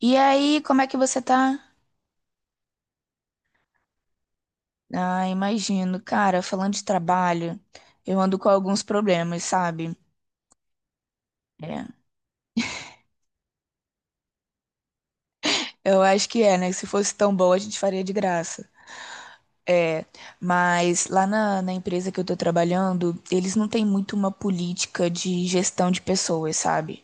E aí, como é que você tá? Ah, imagino. Cara, falando de trabalho, eu ando com alguns problemas, sabe? É. Eu acho que é, né? Se fosse tão bom, a gente faria de graça. É, mas lá na empresa que eu tô trabalhando, eles não têm muito uma política de gestão de pessoas, sabe?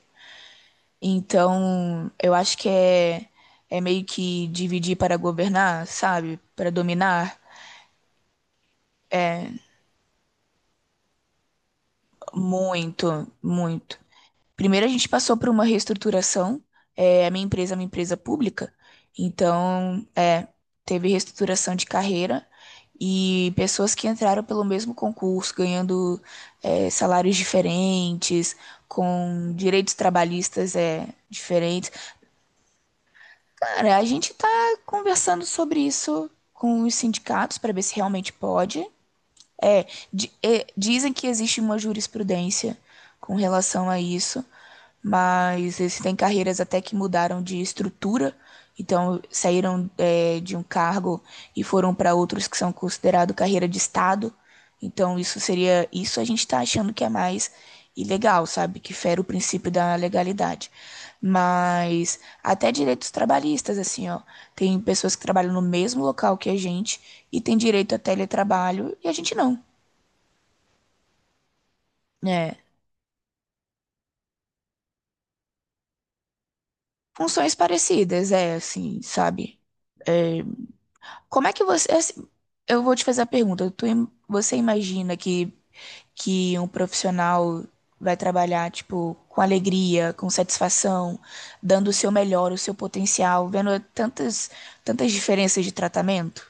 Então, eu acho que é meio que dividir para governar, sabe? Para dominar. Muito, muito. Primeiro a gente passou por uma reestruturação, a minha empresa é uma empresa pública, então teve reestruturação de carreira e pessoas que entraram pelo mesmo concurso, ganhando salários diferentes, com direitos trabalhistas diferentes. Cara, a gente tá conversando sobre isso com os sindicatos para ver se realmente pode. É, dizem que existe uma jurisprudência com relação a isso, mas existem carreiras até que mudaram de estrutura, então saíram de um cargo e foram para outros que são considerados carreira de Estado. Então isso seria. Isso a gente está achando que é mais ilegal, sabe? Que fere o princípio da legalidade. Mas até direitos trabalhistas, assim, ó. Tem pessoas que trabalham no mesmo local que a gente e tem direito a teletrabalho e a gente não. Né, funções parecidas, é assim, sabe? Como é que você. É assim, eu vou te fazer a pergunta. Você imagina que um profissional vai trabalhar, tipo, com alegria, com satisfação, dando o seu melhor, o seu potencial, vendo tantas, tantas diferenças de tratamento?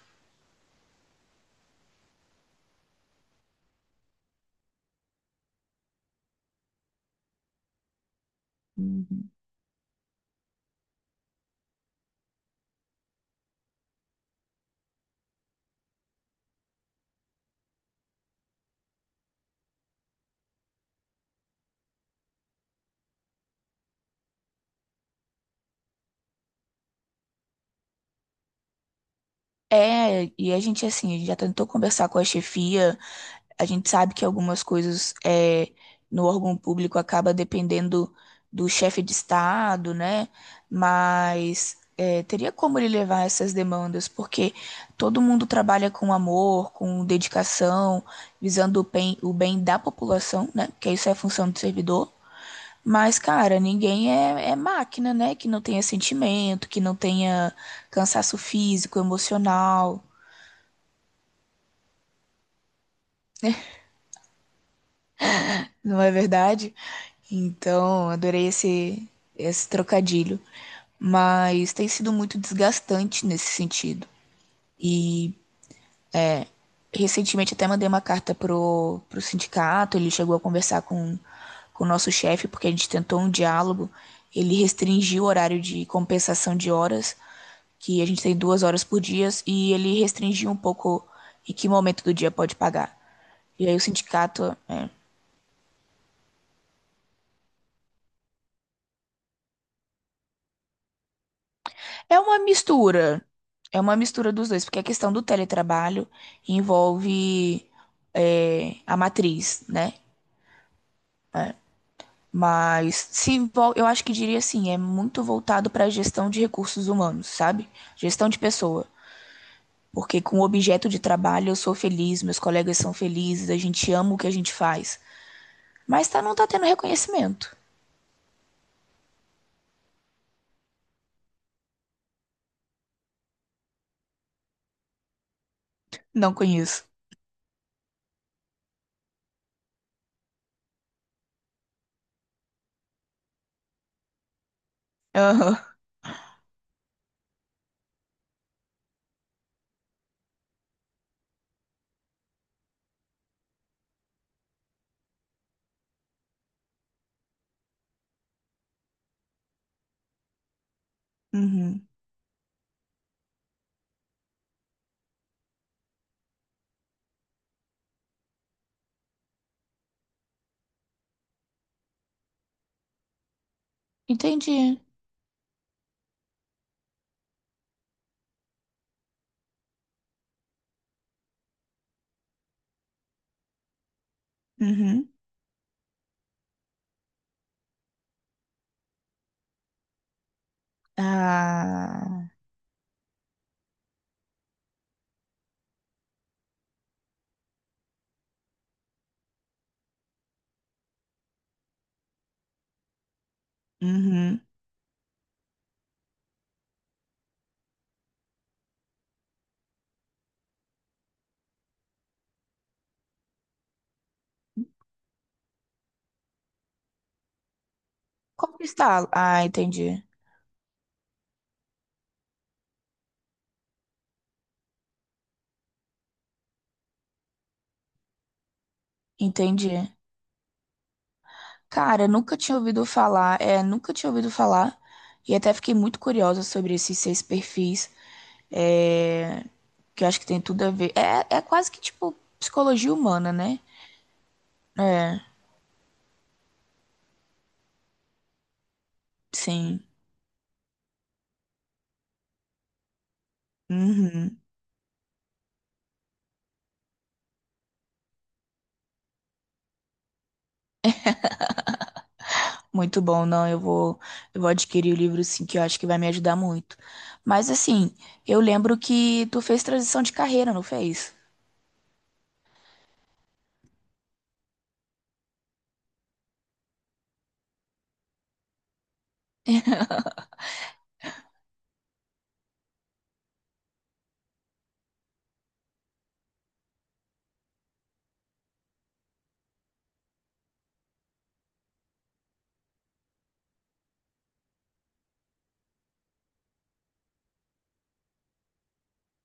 É, e a gente, assim, a gente já tentou conversar com a chefia. A gente sabe que algumas coisas no órgão público acaba dependendo do chefe de Estado, né? Mas teria como ele levar essas demandas, porque todo mundo trabalha com amor, com dedicação, visando o bem da população, né? Porque isso é a função do servidor. Mas, cara, ninguém é máquina, né? Que não tenha sentimento, que não tenha cansaço físico, emocional. Não é verdade? Então, adorei esse trocadilho. Mas tem sido muito desgastante nesse sentido. E recentemente até mandei uma carta pro sindicato. Ele chegou a conversar com o nosso chefe, porque a gente tentou um diálogo. Ele restringiu o horário de compensação de horas, que a gente tem 2 horas por dia, e ele restringiu um pouco em que momento do dia pode pagar. E aí o sindicato. É uma mistura. É uma mistura dos dois, porque a questão do teletrabalho envolve a matriz, né? Mas se envol- eu acho que diria assim, é muito voltado para a gestão de recursos humanos, sabe? Gestão de pessoa. Porque com o objeto de trabalho eu sou feliz, meus colegas são felizes, a gente ama o que a gente faz. Mas tá, não tá tendo reconhecimento. Não conheço. Aham. Uhum. Entendi. Uhum. Ah. Uhum. Conquistá-lo. Ah, entendi. Entendi. Cara, nunca tinha ouvido falar, é, nunca tinha ouvido falar, e até fiquei muito curiosa sobre esses seis perfis, é, que eu acho que tem tudo a ver. É quase que tipo psicologia humana, né? É, sim. Uhum. Muito bom, não, eu vou adquirir o livro, sim, que eu acho que vai me ajudar muito. Mas assim, eu lembro que tu fez transição de carreira, não fez?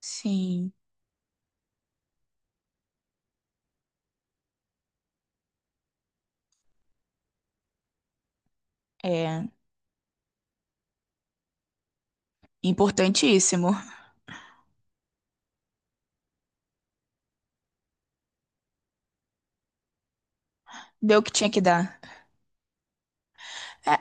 Sim, é importantíssimo. Deu o que tinha que dar. É.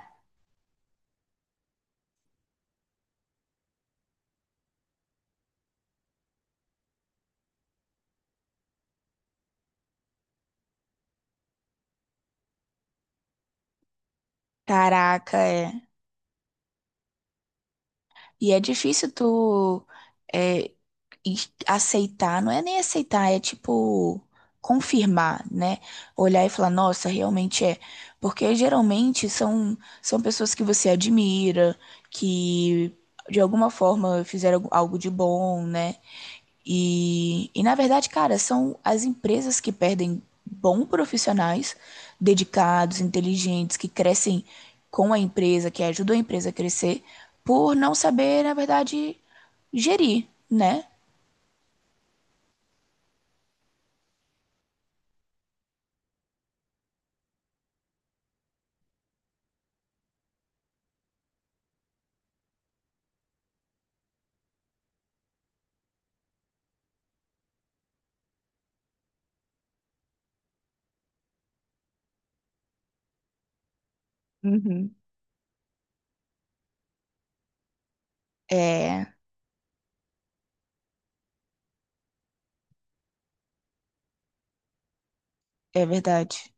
Caraca, é. E é difícil tu é, e- aceitar, não é nem aceitar, é tipo confirmar, né? Olhar e falar, nossa, realmente é. Porque geralmente são pessoas que você admira, que de alguma forma fizeram algo de bom, né? E na verdade, cara, são as empresas que perdem bons profissionais, dedicados, inteligentes, que crescem com a empresa, que ajudam a empresa a crescer, por não saber, na verdade, gerir, né? Uhum. É, é verdade.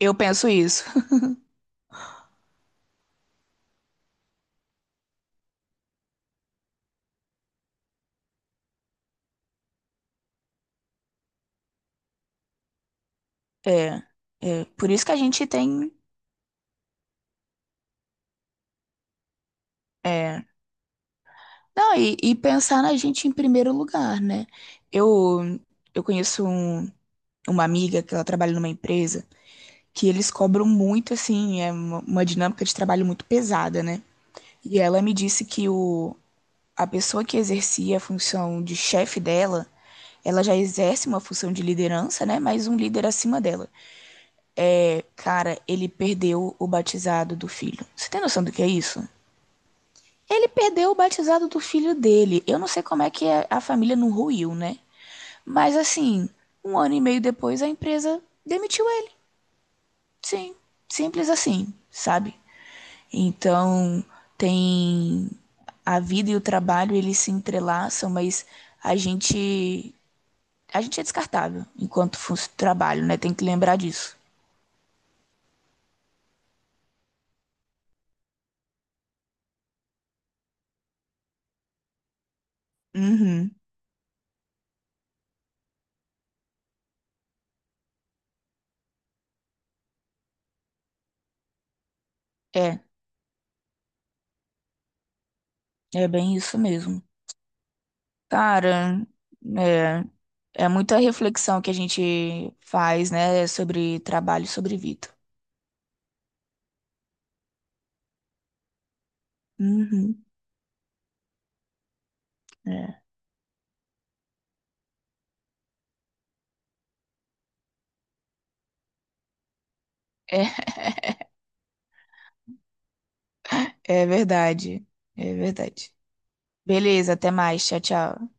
Eu penso isso. É, é por isso que a gente tem. É, não, e pensar na gente em primeiro lugar, né? Eu, eu conheço uma amiga que ela trabalha numa empresa, que eles cobram muito, assim, é uma dinâmica de trabalho muito pesada, né? E ela me disse que o, a pessoa que exercia a função de chefe dela, ela já exerce uma função de liderança, né? Mas um líder acima dela. É, cara, ele perdeu o batizado do filho. Você tem noção do que é isso? Ele perdeu o batizado do filho dele. Eu não sei como é que a família não ruiu, né? Mas assim, um ano e meio depois a empresa demitiu ele. Sim, simples assim, sabe? Então, tem a vida e o trabalho, eles se entrelaçam, mas a gente a gente é descartável enquanto fosse trabalho, né? Tem que lembrar disso. Uhum. É, é bem isso mesmo. Cara, é, é muita reflexão que a gente faz, né, sobre trabalho, e sobre vida. Uhum. É, é, é verdade. É verdade. Beleza, até mais. Tchau, tchau.